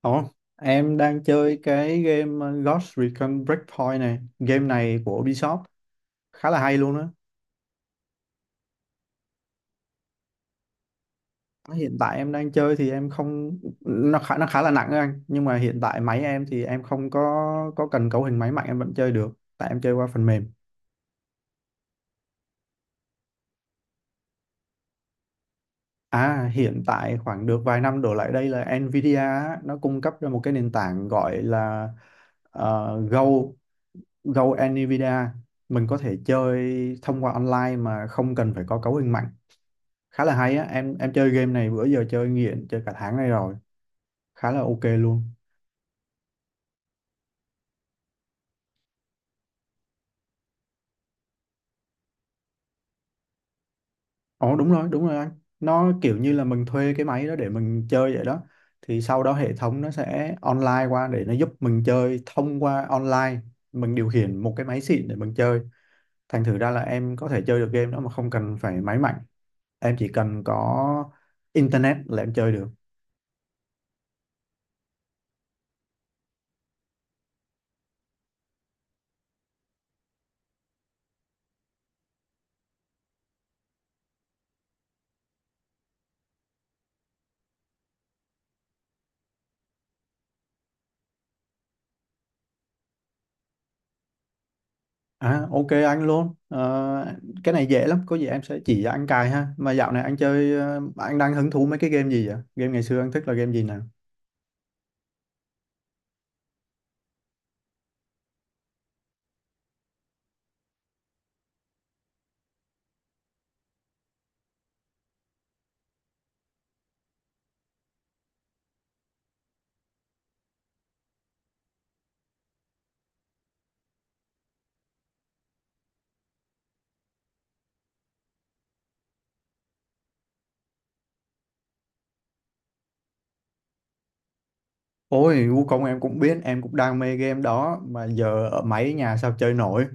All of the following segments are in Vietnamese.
Ồ, em đang chơi cái game Ghost Recon Breakpoint này. Game này của Ubisoft khá là hay luôn á. Hiện tại em đang chơi thì em không nó khá là nặng á anh, nhưng mà hiện tại máy em thì em không có cần cấu hình máy mạnh, em vẫn chơi được, tại em chơi qua phần mềm. À, hiện tại khoảng được vài năm đổ lại đây là Nvidia á, nó cung cấp ra một cái nền tảng gọi là Go Go Nvidia. Mình có thể chơi thông qua online mà không cần phải có cấu hình mạnh, khá là hay á. Em chơi game này bữa giờ, chơi nghiện, chơi cả tháng nay rồi, khá là ok luôn. Ồ, đúng rồi, đúng rồi anh, nó kiểu như là mình thuê cái máy đó để mình chơi vậy đó. Thì sau đó hệ thống nó sẽ online qua để nó giúp mình chơi thông qua online, mình điều khiển một cái máy xịn để mình chơi. Thành thử ra là em có thể chơi được game đó mà không cần phải máy mạnh, em chỉ cần có internet là em chơi được. À, ok anh luôn. Ờ, Cái này dễ lắm, có gì em sẽ chỉ cho anh cài ha. Mà dạo này anh chơi anh đang hứng thú mấy cái game gì vậy? Game ngày xưa anh thích là game gì nào? Ôi, Wukong em cũng biết, em cũng đam mê game đó, mà giờ ở máy nhà sao chơi nổi.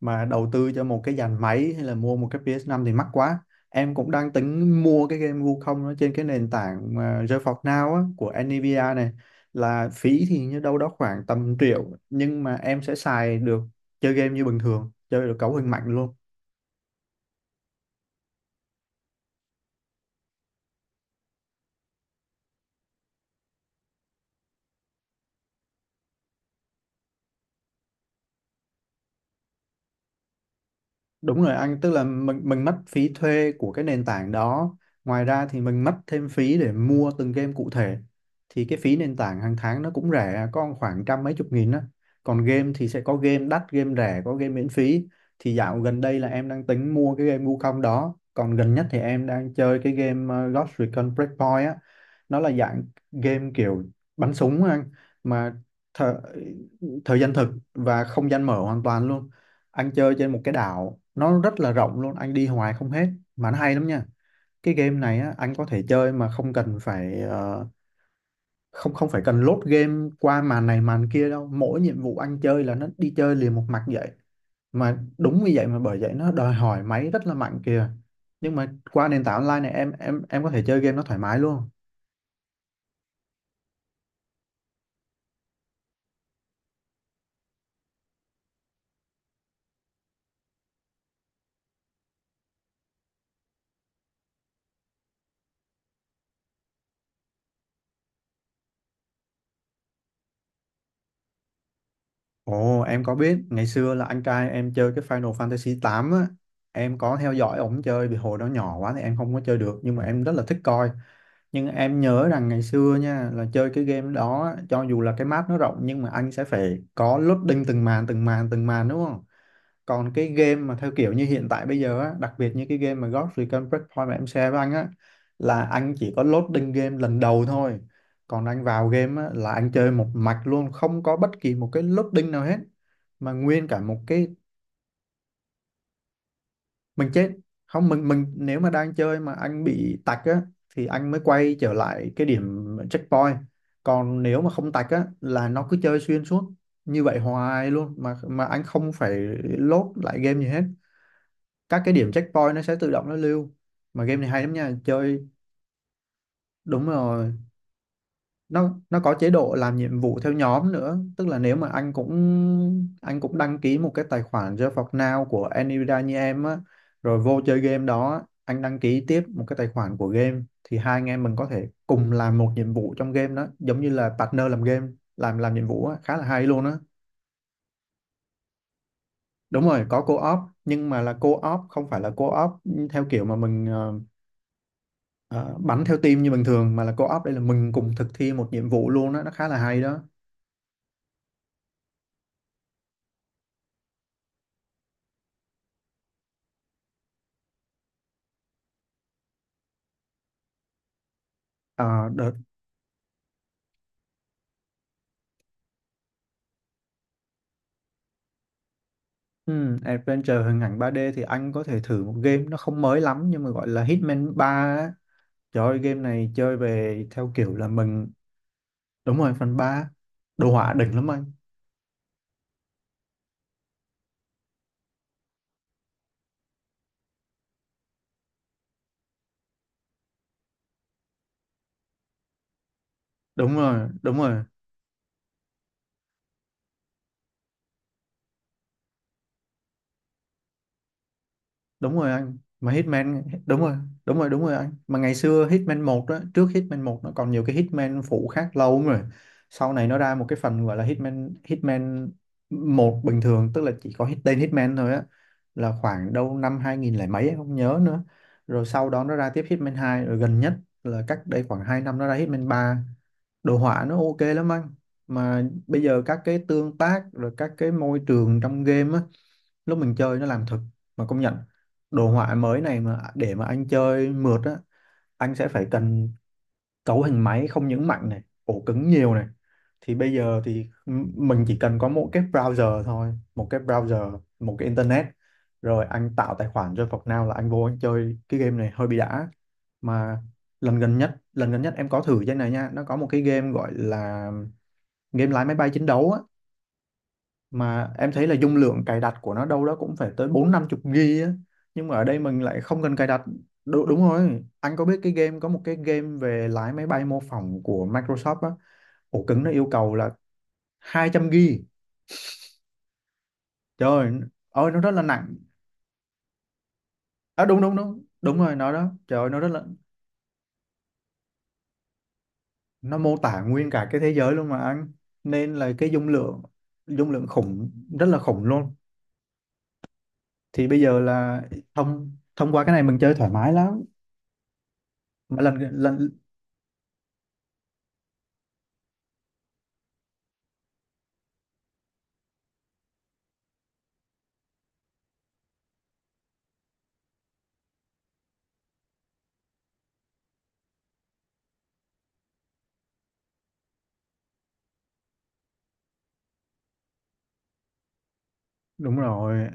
Mà đầu tư cho một cái dàn máy hay là mua một cái ps năm thì mắc quá. Em cũng đang tính mua cái game Wukong nó trên cái nền tảng mà GeForce Now á, của Nvidia này, là phí thì như đâu đó khoảng tầm triệu, nhưng mà em sẽ xài được, chơi game như bình thường, chơi được cấu hình mạnh luôn. Đúng rồi anh, tức là mình mất phí thuê của cái nền tảng đó. Ngoài ra thì mình mất thêm phí để mua từng game cụ thể. Thì cái phí nền tảng hàng tháng nó cũng rẻ, có khoảng trăm mấy chục nghìn á. Còn game thì sẽ có game đắt, game rẻ, có game miễn phí. Thì dạo gần đây là em đang tính mua cái game Wukong đó. Còn gần nhất thì em đang chơi cái game Ghost Recon Breakpoint á. Nó là dạng game kiểu bắn súng á anh, mà thời, thời gian thực và không gian mở hoàn toàn luôn. Anh chơi trên một cái đảo nó rất là rộng luôn, anh đi hoài không hết, mà nó hay lắm nha. Cái game này á, anh có thể chơi mà không cần phải không không phải cần load game qua màn này màn kia đâu, mỗi nhiệm vụ anh chơi là nó đi chơi liền một mạch vậy, mà đúng như vậy, mà bởi vậy nó đòi hỏi máy rất là mạnh kìa. Nhưng mà qua nền tảng online này em có thể chơi game nó thoải mái luôn. Ồ, em có biết ngày xưa là anh trai em chơi cái Final Fantasy 8 á, em có theo dõi ổng chơi vì hồi đó nhỏ quá thì em không có chơi được, nhưng mà em rất là thích coi. Nhưng em nhớ rằng ngày xưa nha, là chơi cái game đó á, cho dù là cái map nó rộng nhưng mà anh sẽ phải có loading từng màn từng màn từng màn, đúng không? Còn cái game mà theo kiểu như hiện tại bây giờ á, đặc biệt như cái game mà Ghost Recon Breakpoint mà em share với anh á, là anh chỉ có loading game lần đầu thôi. Còn anh vào game á là anh chơi một mạch luôn, không có bất kỳ một cái loading nào hết, mà nguyên cả một cái mình chết không. Mình nếu mà đang chơi mà anh bị tạch á thì anh mới quay trở lại cái điểm checkpoint. Còn nếu mà không tạch á là nó cứ chơi xuyên suốt như vậy hoài luôn, mà anh không phải load lại game gì hết, các cái điểm checkpoint nó sẽ tự động nó lưu. Mà game này hay lắm nha, chơi đúng rồi. Nó có chế độ làm nhiệm vụ theo nhóm nữa, tức là nếu mà anh cũng đăng ký một cái tài khoản Just For Now của Nvidia như em á, rồi vô chơi game đó á, anh đăng ký tiếp một cái tài khoản của game, thì hai anh em mình có thể cùng làm một nhiệm vụ trong game đó, giống như là partner làm game, làm nhiệm vụ á, khá là hay luôn á. Đúng rồi, có co-op, nhưng mà là co-op không phải là co-op theo kiểu mà mình ờ, bắn theo team như bình thường, mà là co-op đây là mình cùng thực thi một nhiệm vụ luôn á, nó khá là hay đó. Ờ, đợt Ừ, Adventure hình ảnh 3D thì anh có thể thử một game nó không mới lắm, nhưng mà gọi là Hitman 3 á. Trời ơi, game này chơi về theo kiểu là mình. Đúng rồi, phần ba, đồ họa đỉnh lắm anh. Đúng rồi, đúng rồi, đúng rồi anh, mà Hitman đúng rồi. Đúng rồi, đúng rồi anh, mà ngày xưa Hitman một đó, trước Hitman một nó còn nhiều cái Hitman phụ khác lâu lắm rồi. Sau này nó ra một cái phần gọi là Hitman Hitman một bình thường, tức là chỉ có tên Hitman thôi á, là khoảng đâu năm 2000 lẻ mấy em không nhớ nữa. Rồi sau đó nó ra tiếp Hitman hai, rồi gần nhất là cách đây khoảng 2 năm nó ra Hitman ba, đồ họa nó ok lắm anh. Mà bây giờ các cái tương tác rồi các cái môi trường trong game á, lúc mình chơi nó làm thật, mà công nhận đồ họa mới này mà để mà anh chơi mượt á, anh sẽ phải cần cấu hình máy không những mạnh này, ổ cứng nhiều này. Thì bây giờ thì mình chỉ cần có một cái browser thôi, một cái browser, một cái internet, rồi anh tạo tài khoản cho Now là anh vô anh chơi cái game này hơi bị đã. Mà lần gần nhất, lần gần nhất em có thử trên này nha, nó có một cái game gọi là game lái máy bay chiến đấu á, mà em thấy là dung lượng cài đặt của nó đâu đó cũng phải tới bốn năm chục gi á, nhưng mà ở đây mình lại không cần cài đặt. Đúng, đúng rồi anh, có biết cái game, có một cái game về lái máy bay mô phỏng của Microsoft á, ổ cứng nó yêu cầu là 200 gi, trời ơi, ôi, nó rất là nặng. À, đúng đúng đúng, đúng rồi nó đó, trời ơi, nó rất là, nó mô tả nguyên cả cái thế giới luôn mà anh, nên là cái dung lượng khủng, rất là khủng luôn. Thì bây giờ là thông thông qua cái này mình chơi thoải mái lắm. Mà lần lần. Đúng rồi.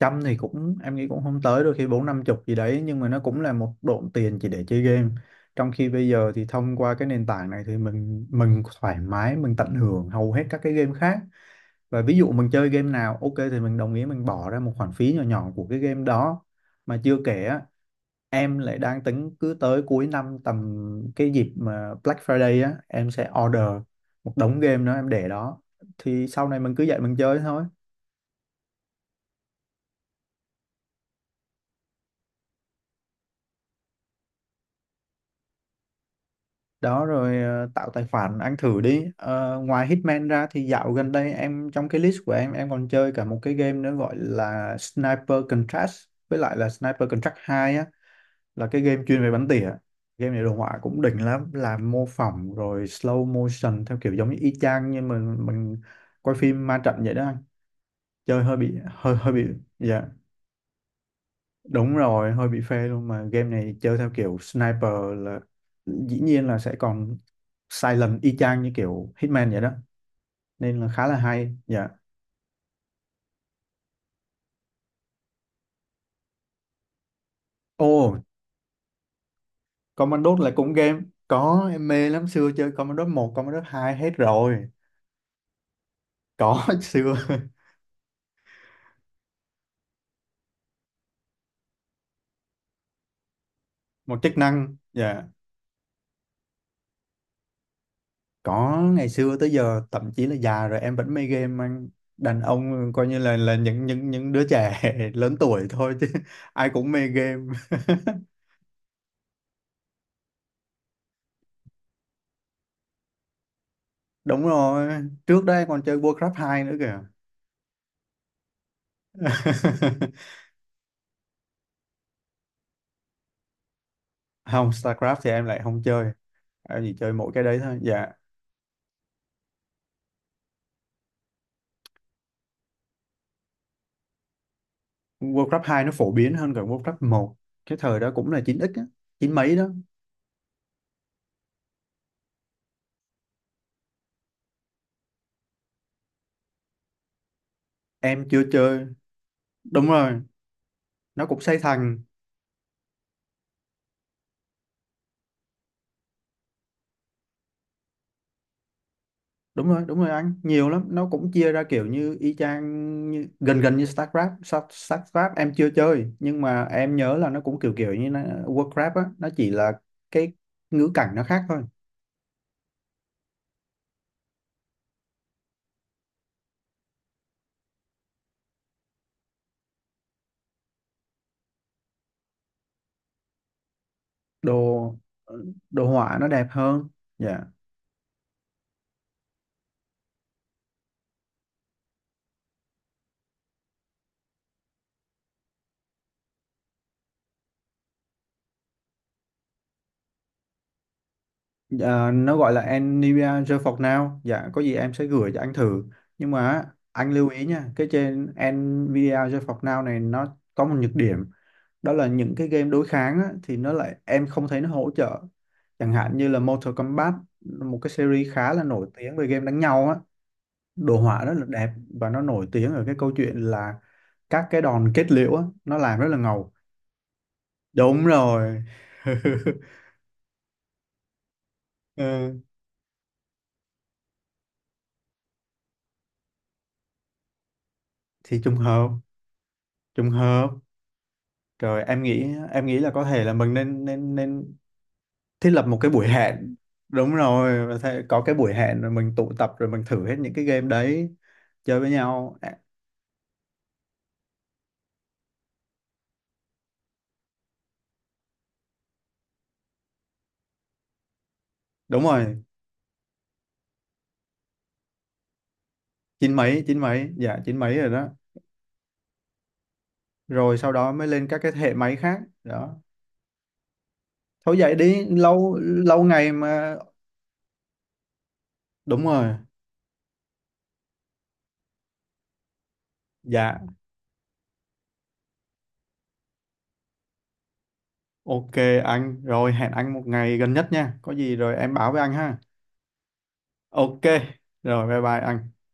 Trăm thì cũng, em nghĩ cũng không tới, đôi khi bốn năm chục gì đấy, nhưng mà nó cũng là một độn tiền chỉ để chơi game. Trong khi bây giờ thì thông qua cái nền tảng này thì mình thoải mái mình tận hưởng hầu hết các cái game khác. Và ví dụ mình chơi game nào ok thì mình đồng ý mình bỏ ra một khoản phí nhỏ nhỏ của cái game đó. Mà chưa kể á, em lại đang tính cứ tới cuối năm tầm cái dịp mà Black Friday á em sẽ order một đống game đó em để đó, thì sau này mình cứ dậy mình chơi thôi. Đó rồi, tạo tài khoản anh thử đi. Ờ, Ngoài Hitman ra thì dạo gần đây em, trong cái list của em còn chơi cả một cái game nữa gọi là Sniper Contract, với lại là Sniper Contract 2 á, là cái game chuyên về bắn tỉa. Game này đồ họa cũng đỉnh lắm, là mô phỏng rồi slow motion theo kiểu giống như y chang như mình quay phim ma trận vậy đó anh, chơi hơi bị. Dạ. Đúng rồi, hơi bị phê luôn, mà game này chơi theo kiểu sniper là dĩ nhiên là sẽ còn silent y chang như kiểu Hitman vậy đó, nên là khá là hay. Dạ. Ồ, Commandos là cũng game, có, em mê lắm, xưa chơi Commandos 1, Commandos hai hết rồi. Có xưa một chức năng dạ. Có, ngày xưa tới giờ thậm chí là già rồi em vẫn mê game anh. Đàn ông coi như là những đứa trẻ lớn tuổi thôi chứ, ai cũng mê game. Đúng rồi, trước đây còn chơi Warcraft hai nữa kìa. Không, StarCraft thì em lại không chơi. Em chỉ chơi mỗi cái đấy thôi. Dạ, Warcraft hai nó phổ biến hơn cả Warcraft một. Cái thời đó cũng là chín x á, chín mấy đó. Em chưa chơi. Đúng rồi, nó cũng xây thành. Đúng rồi anh, nhiều lắm. Nó cũng chia ra kiểu như y chang như, gần gần như StarCraft. StarCraft em chưa chơi, nhưng mà em nhớ là nó cũng kiểu kiểu như nó, Warcraft á, nó chỉ là cái ngữ cảnh nó khác thôi. Đồ đồ họa nó đẹp hơn. Dạ. Ờ, nó gọi là Nivea Gel For Now. Dạ, có gì em sẽ gửi cho anh thử. Nhưng mà á, anh lưu ý nha, cái trên Nvidia Gel For Now này nó có một nhược điểm, đó là những cái game đối kháng á, thì nó lại em không thấy nó hỗ trợ, chẳng hạn như là Mortal Kombat, một cái series khá là nổi tiếng về game đánh nhau á, đồ họa rất là đẹp, và nó nổi tiếng ở cái câu chuyện là các cái đòn kết liễu á, nó làm rất là ngầu. Đúng rồi. Ừ, thì trùng hợp, trùng hợp rồi, em nghĩ là có thể là mình nên nên nên thiết lập một cái buổi hẹn. Đúng rồi, và có cái buổi hẹn rồi mình tụ tập rồi mình thử hết những cái game đấy, chơi với nhau. À, đúng rồi, chín mấy, chín mấy, dạ, chín mấy rồi đó. Rồi sau đó mới lên các cái thế hệ máy khác đó. Thôi vậy đi, lâu lâu ngày mà. Đúng rồi. Dạ, ok anh. Rồi hẹn anh một ngày gần nhất nha, có gì rồi em báo với anh ha. Ok. Rồi bye bye anh.